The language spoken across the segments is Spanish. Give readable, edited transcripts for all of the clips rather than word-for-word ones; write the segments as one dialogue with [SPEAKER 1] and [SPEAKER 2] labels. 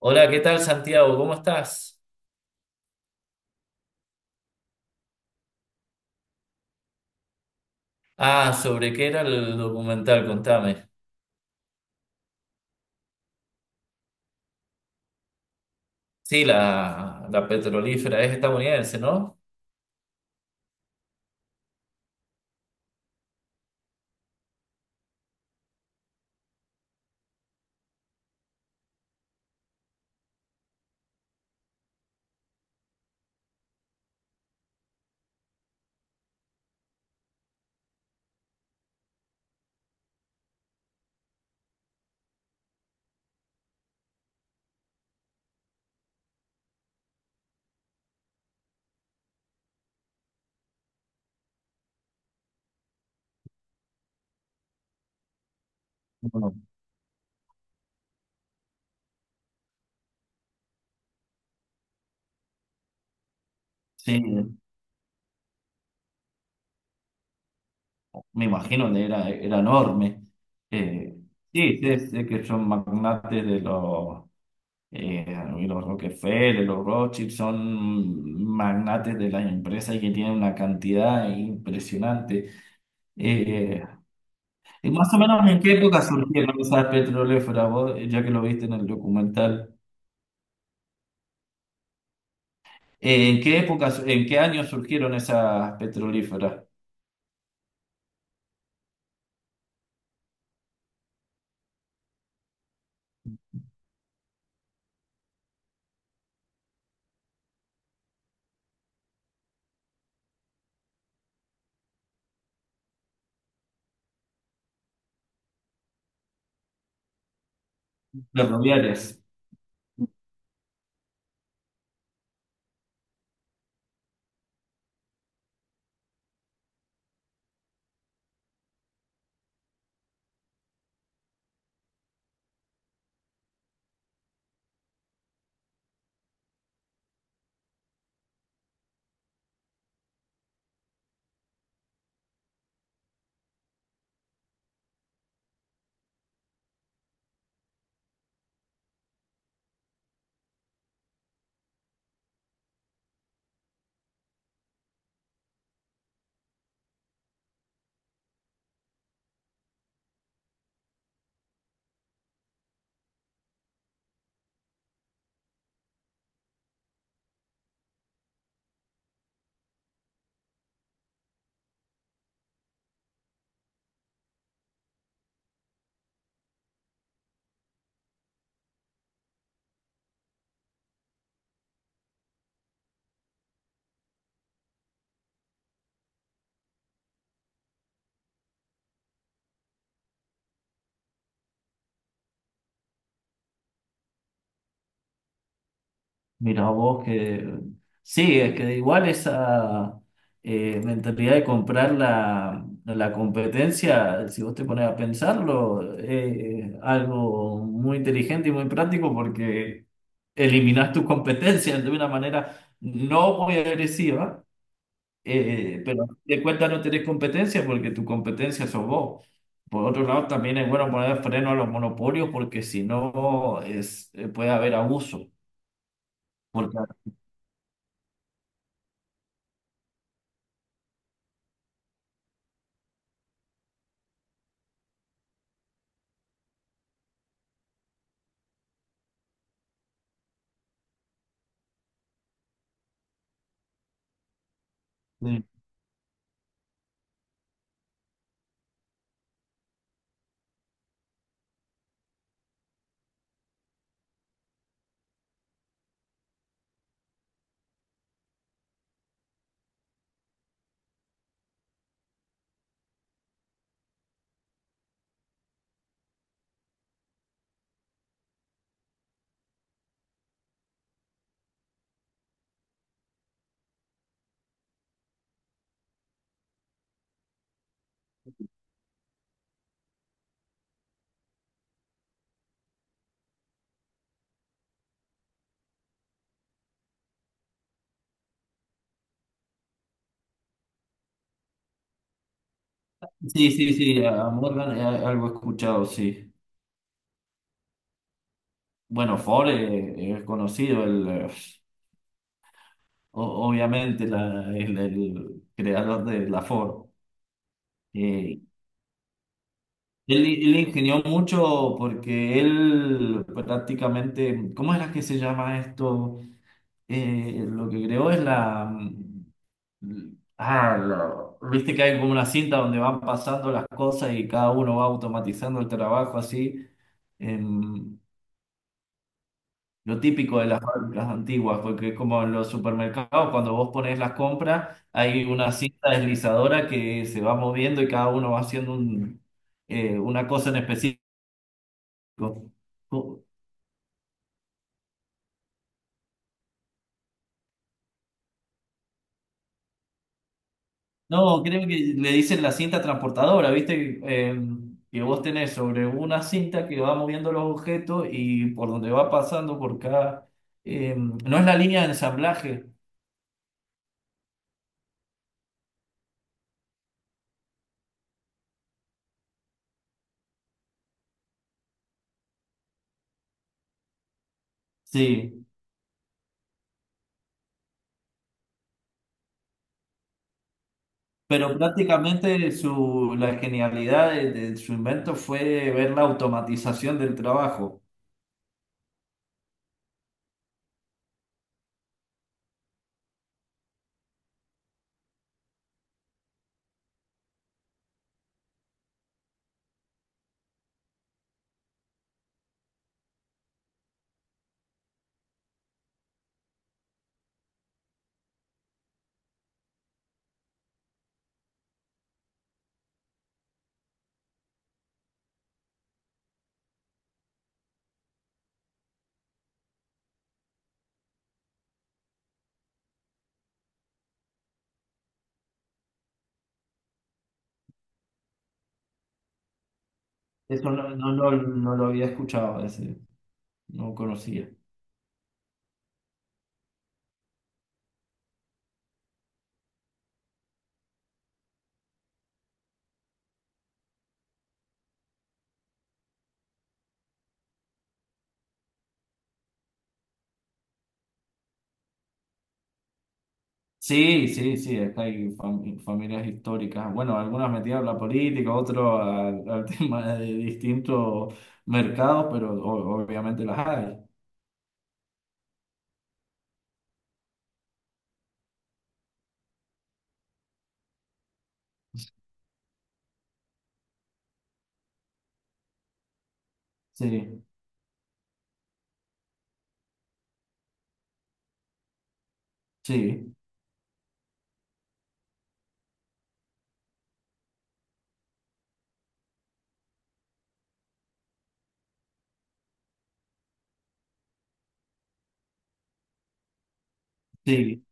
[SPEAKER 1] Hola, ¿qué tal, Santiago? ¿Cómo estás? Ah, ¿sobre qué era el documental? Contame. Sí, la petrolífera es estadounidense, ¿no? Bueno, sí, me imagino que era, era enorme. Eh, sí, sé que son magnates de eh, los Rockefeller, los Rothschild, son magnates de las empresas y que tienen una cantidad impresionante. Eh, y más o menos en qué época surgieron esas petrolíferas, vos, ya que lo viste en el documental. ¿En qué épocas, en qué años surgieron esas petrolíferas ferroviarias? Mira vos que... Sí, es que igual esa mentalidad de comprar la competencia, si vos te pones a pensarlo, es algo muy inteligente y muy práctico porque eliminás tus competencias de una manera no muy agresiva. Pero de cuenta no tenés competencia porque tu competencia sos vos. Por otro lado, también es bueno poner freno a los monopolios porque si no es, puede haber abuso. Porque, sí, sí, sí, a Morgan, algo he escuchado, sí. Bueno, Ford, es conocido, el, obviamente el creador de la Ford. Eh, él ingenió mucho porque él prácticamente, ¿cómo era que se llama esto? Lo que creó es la... Ah, lo viste que hay como una cinta donde van pasando las cosas y cada uno va automatizando el trabajo así. em, lo típico de las fábricas antiguas, porque es como en los supermercados, cuando vos pones las compras, hay una cinta deslizadora que se va moviendo y cada uno va haciendo un, una cosa en específico. No, creo que le dicen la cinta transportadora, ¿viste? Que vos tenés sobre una cinta que va moviendo los objetos y por donde va pasando por cada... No es la línea de ensamblaje, sí, pero prácticamente la genialidad de su invento fue ver la automatización del trabajo. Eso no, no, lo no lo había escuchado, ese, no conocía. Sí, sí, sí, acá hay familias históricas. Bueno, algunas metidas a la política, otros al, al tema de distintos mercados, pero obviamente las hay. Sí, sí, sí.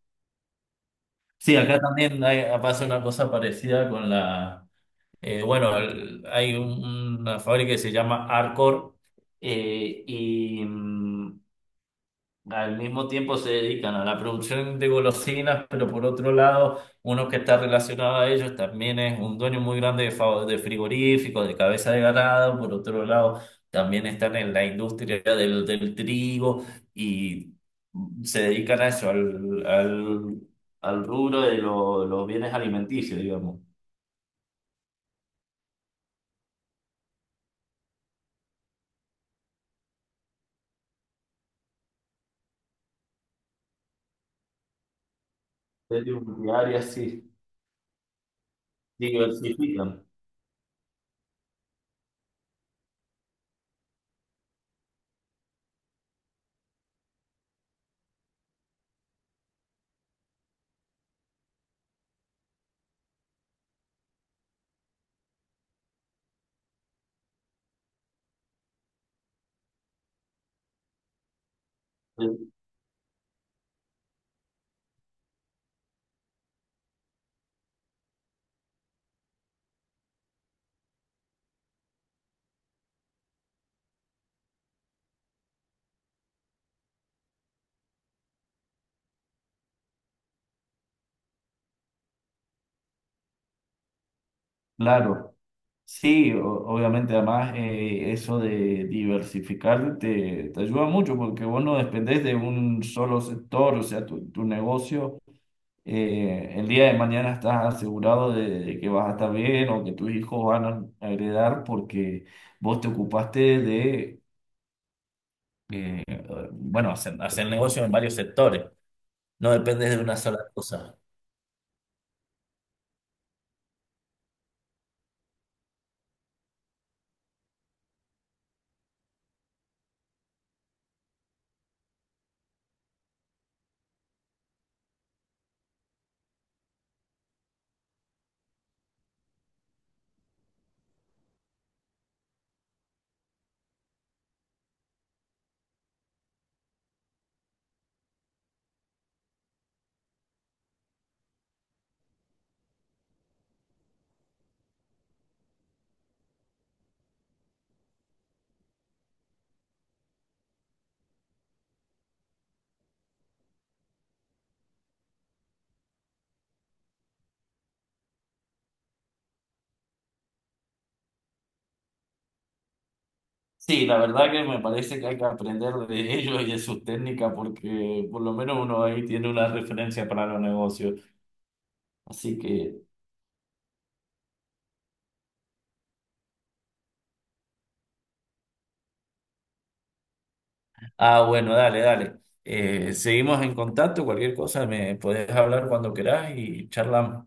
[SPEAKER 1] Sí, acá también pasa una cosa parecida con la, bueno, hay una fábrica que se llama Arcor, eh, y, mm, al mismo tiempo se dedican a la producción de golosinas, pero por otro lado, uno que está relacionado a ellos también es un dueño muy grande de, de frigoríficos, de cabeza de ganado. Por otro lado, también están en la industria del, del trigo y se dedican a eso, al, al, al rubro de los bienes alimenticios, digamos. Es de un área así, diversifican. Claro. Sí, obviamente, además eso de diversificar te, te ayuda mucho porque vos no dependés de un solo sector, o sea, tu negocio, el día de mañana estás asegurado de que vas a estar bien o que tus hijos van a heredar porque vos te ocupaste de, eh, bueno, hacer, hacer negocio en varios sectores, no dependes de una sola cosa. Sí, la verdad que me parece que hay que aprender de ellos y de sus técnicas porque por lo menos uno ahí tiene una referencia para los negocios. Así que, ah, bueno, dale, dale. Seguimos en contacto, cualquier cosa me podés hablar cuando querás y charlamos.